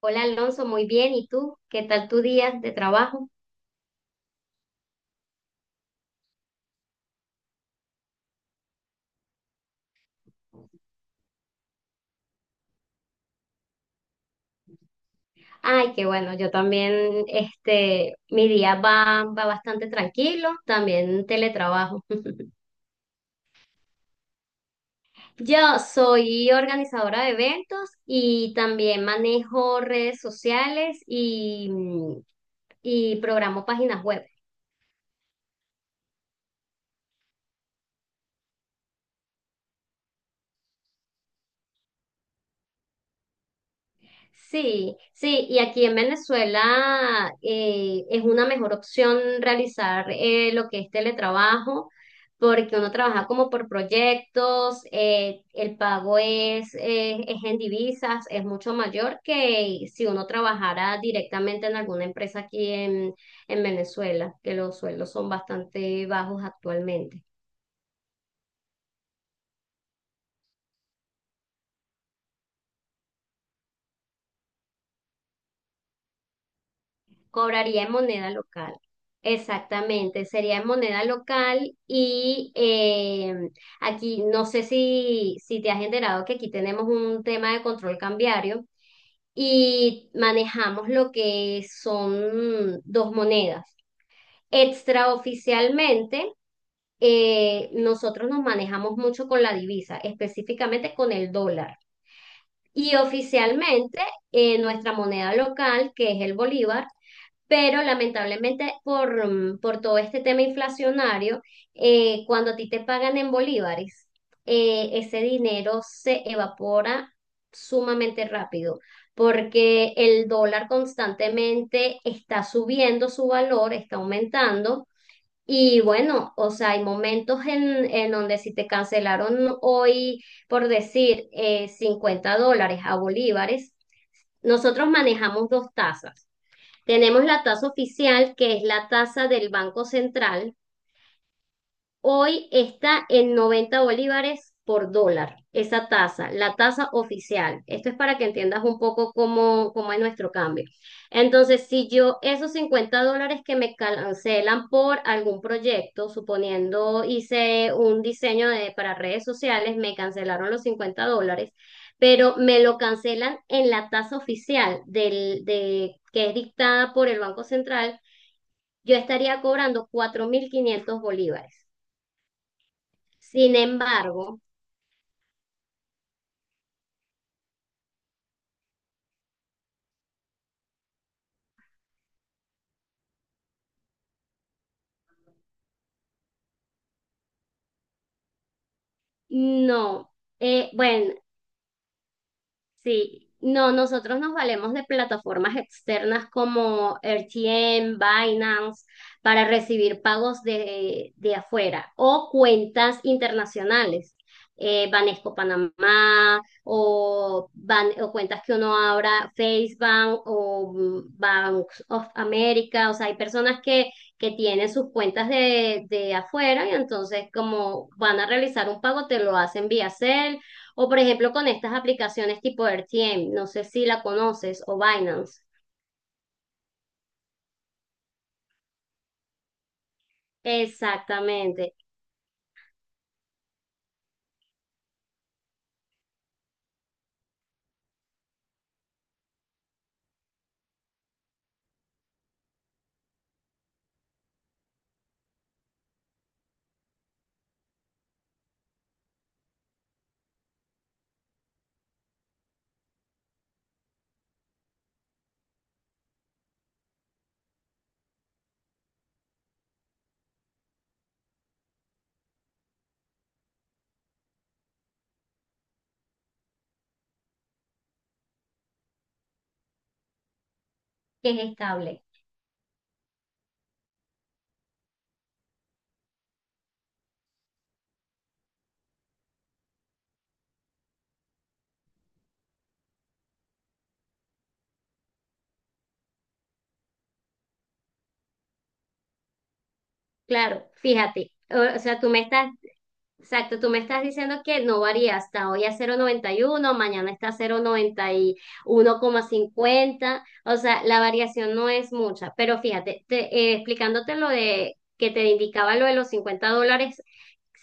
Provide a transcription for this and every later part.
Hola Alonso, muy bien. ¿Y tú? ¿Qué tal tu día de trabajo? Ay, qué bueno, yo también, mi día va bastante tranquilo, también teletrabajo. Yo soy organizadora de eventos y también manejo redes sociales y programo páginas web. Sí, sí, y aquí en Venezuela es una mejor opción realizar lo que es teletrabajo, porque uno trabaja como por proyectos, el pago es en divisas, es mucho mayor que si uno trabajara directamente en alguna empresa aquí en Venezuela, que los sueldos son bastante bajos actualmente. Cobraría en moneda local. Exactamente, sería en moneda local y aquí no sé si te has enterado que aquí tenemos un tema de control cambiario y manejamos lo que son dos monedas. Extraoficialmente, nosotros nos manejamos mucho con la divisa, específicamente con el dólar. Y oficialmente, nuestra moneda local, que es el bolívar, pero lamentablemente por todo este tema inflacionario, cuando a ti te pagan en bolívares, ese dinero se evapora sumamente rápido porque el dólar constantemente está subiendo su valor, está aumentando. Y bueno, o sea, hay momentos en donde si te cancelaron hoy, por decir, $50 a bolívares, nosotros manejamos dos tasas. Tenemos la tasa oficial, que es la tasa del Banco Central. Hoy está en 90 bolívares por dólar, esa tasa, la tasa oficial. Esto es para que entiendas un poco cómo es nuestro cambio. Entonces, si yo esos $50 que me cancelan por algún proyecto, suponiendo hice un diseño para redes sociales, me cancelaron los $50 pero me lo cancelan en la tasa oficial que es dictada por el Banco Central, yo estaría cobrando 4.500 bolívares. Sin embargo, no. Bueno, sí, no, nosotros nos valemos de plataformas externas como RTM, Binance, para recibir pagos de afuera o cuentas internacionales, Banesco Panamá o cuentas que uno abra, FaceBank o Banks of America. O sea, hay personas que tienen sus cuentas de afuera y entonces, como van a realizar un pago, te lo hacen vía Zelle o por ejemplo con estas aplicaciones tipo R T m, no sé si la conoces, o Binance. Exactamente, que es estable. Claro, fíjate. O sea, tú me estás Exacto, tú me estás diciendo que no varía, hasta hoy a 0,91, mañana está a cero coma noventa y uno coma cincuenta. O sea, la variación no es mucha, pero fíjate, explicándote lo de que te indicaba lo de los $50,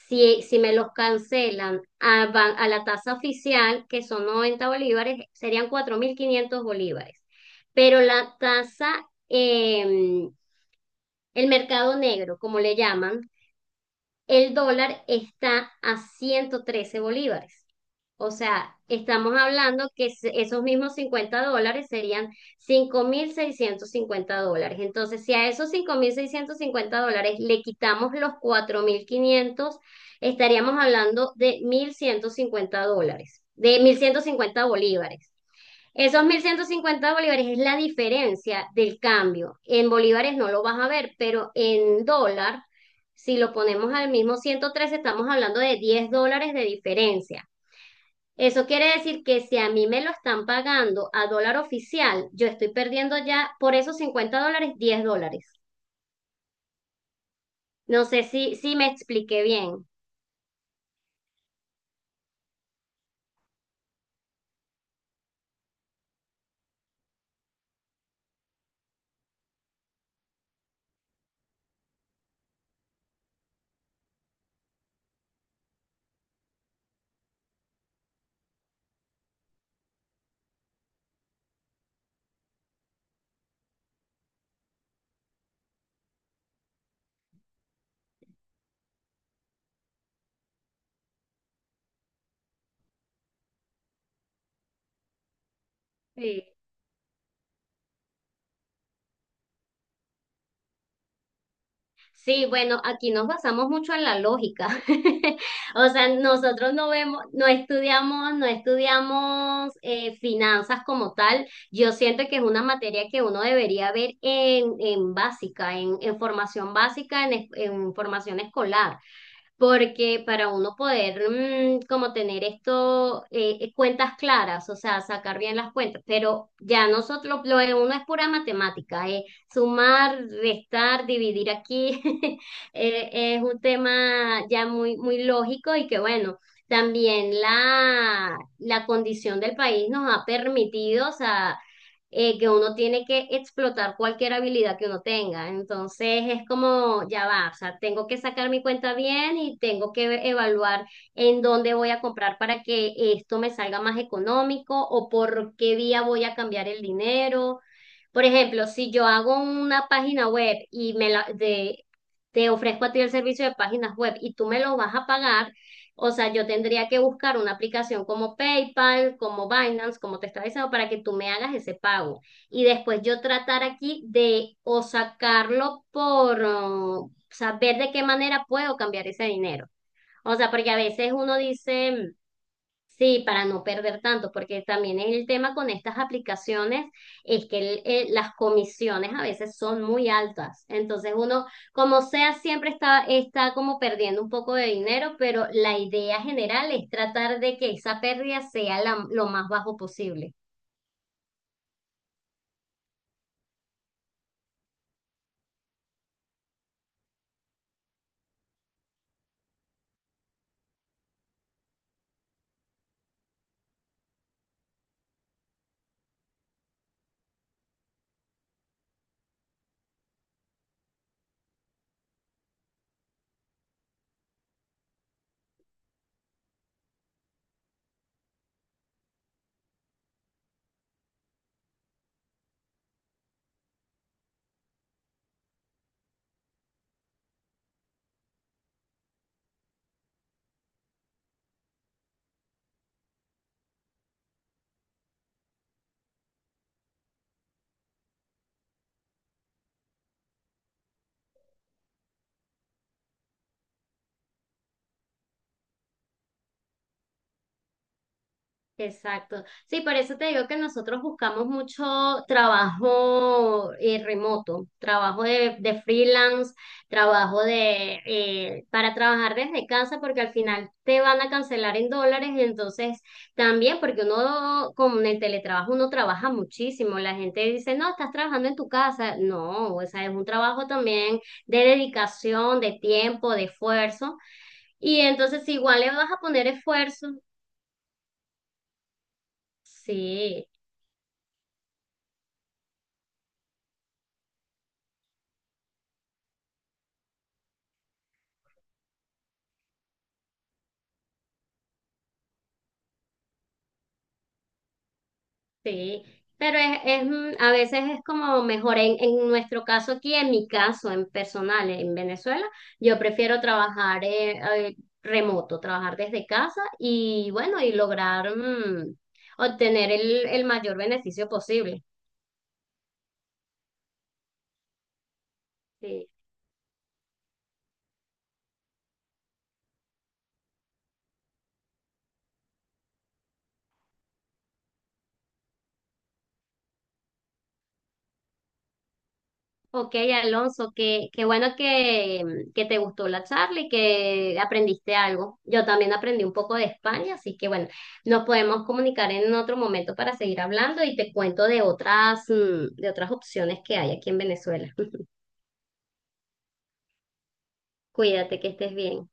si me los cancelan a la tasa oficial, que son 90 bolívares, serían 4.500 bolívares, pero la tasa, em, el mercado negro, como le llaman, el dólar está a 113 bolívares. O sea, estamos hablando que esos mismos $50 serían $5.650. Entonces, si a esos $5.650 le quitamos los 4.500, estaríamos hablando de $1.150, de 1.150 bolívares. Esos 1.150 bolívares es la diferencia del cambio. En bolívares no lo vas a ver, pero en dólar, si lo ponemos al mismo 113, estamos hablando de $10 de diferencia. Eso quiere decir que si a mí me lo están pagando a dólar oficial, yo estoy perdiendo ya por esos $50 $10. No sé si me expliqué bien. Sí, bueno, aquí nos basamos mucho en la lógica. O sea, nosotros no vemos, no estudiamos finanzas como tal. Yo siento que es una materia que uno debería ver en básica, en formación básica, en formación escolar, porque para uno poder como tener esto, cuentas claras, o sea, sacar bien las cuentas, pero ya nosotros, lo de uno es pura matemática, sumar, restar, dividir aquí, eh, es un tema ya muy, muy lógico y que bueno. También la condición del país nos ha permitido, o sea, que uno tiene que explotar cualquier habilidad que uno tenga. Entonces es como, ya va, o sea, tengo que sacar mi cuenta bien y tengo que evaluar en dónde voy a comprar para que esto me salga más económico, o por qué vía voy a cambiar el dinero. Por ejemplo, si yo hago una página web y te ofrezco a ti el servicio de páginas web y tú me lo vas a pagar, o sea, yo tendría que buscar una aplicación como PayPal, como Binance, como te estaba diciendo, para que tú me hagas ese pago. Y después yo tratar aquí de o sacarlo por saber de qué manera puedo cambiar ese dinero. O sea, porque a veces uno dice... Sí, para no perder tanto, porque también el tema con estas aplicaciones es que las comisiones a veces son muy altas. Entonces uno, como sea, siempre está como perdiendo un poco de dinero, pero la idea general es tratar de que esa pérdida sea lo más bajo posible. Exacto. Sí, por eso te digo que nosotros buscamos mucho trabajo remoto, trabajo de freelance, trabajo de para trabajar desde casa, porque al final te van a cancelar en dólares, y entonces también, porque uno con el teletrabajo uno trabaja muchísimo. La gente dice, no, estás trabajando en tu casa. No, o sea, es un trabajo también de dedicación, de tiempo, de esfuerzo. Y entonces igual le vas a poner esfuerzo. Sí, sí, pero a veces es como mejor en nuestro caso aquí, en mi caso, en personal, en Venezuela, yo prefiero trabajar eh, remoto, trabajar desde casa y bueno, y lograr obtener el mayor beneficio posible. Sí. Ok, Alonso, qué bueno que te gustó la charla y que aprendiste algo. Yo también aprendí un poco de España, así que bueno, nos podemos comunicar en otro momento para seguir hablando y te cuento de otras opciones que hay aquí en Venezuela. Cuídate, que estés bien.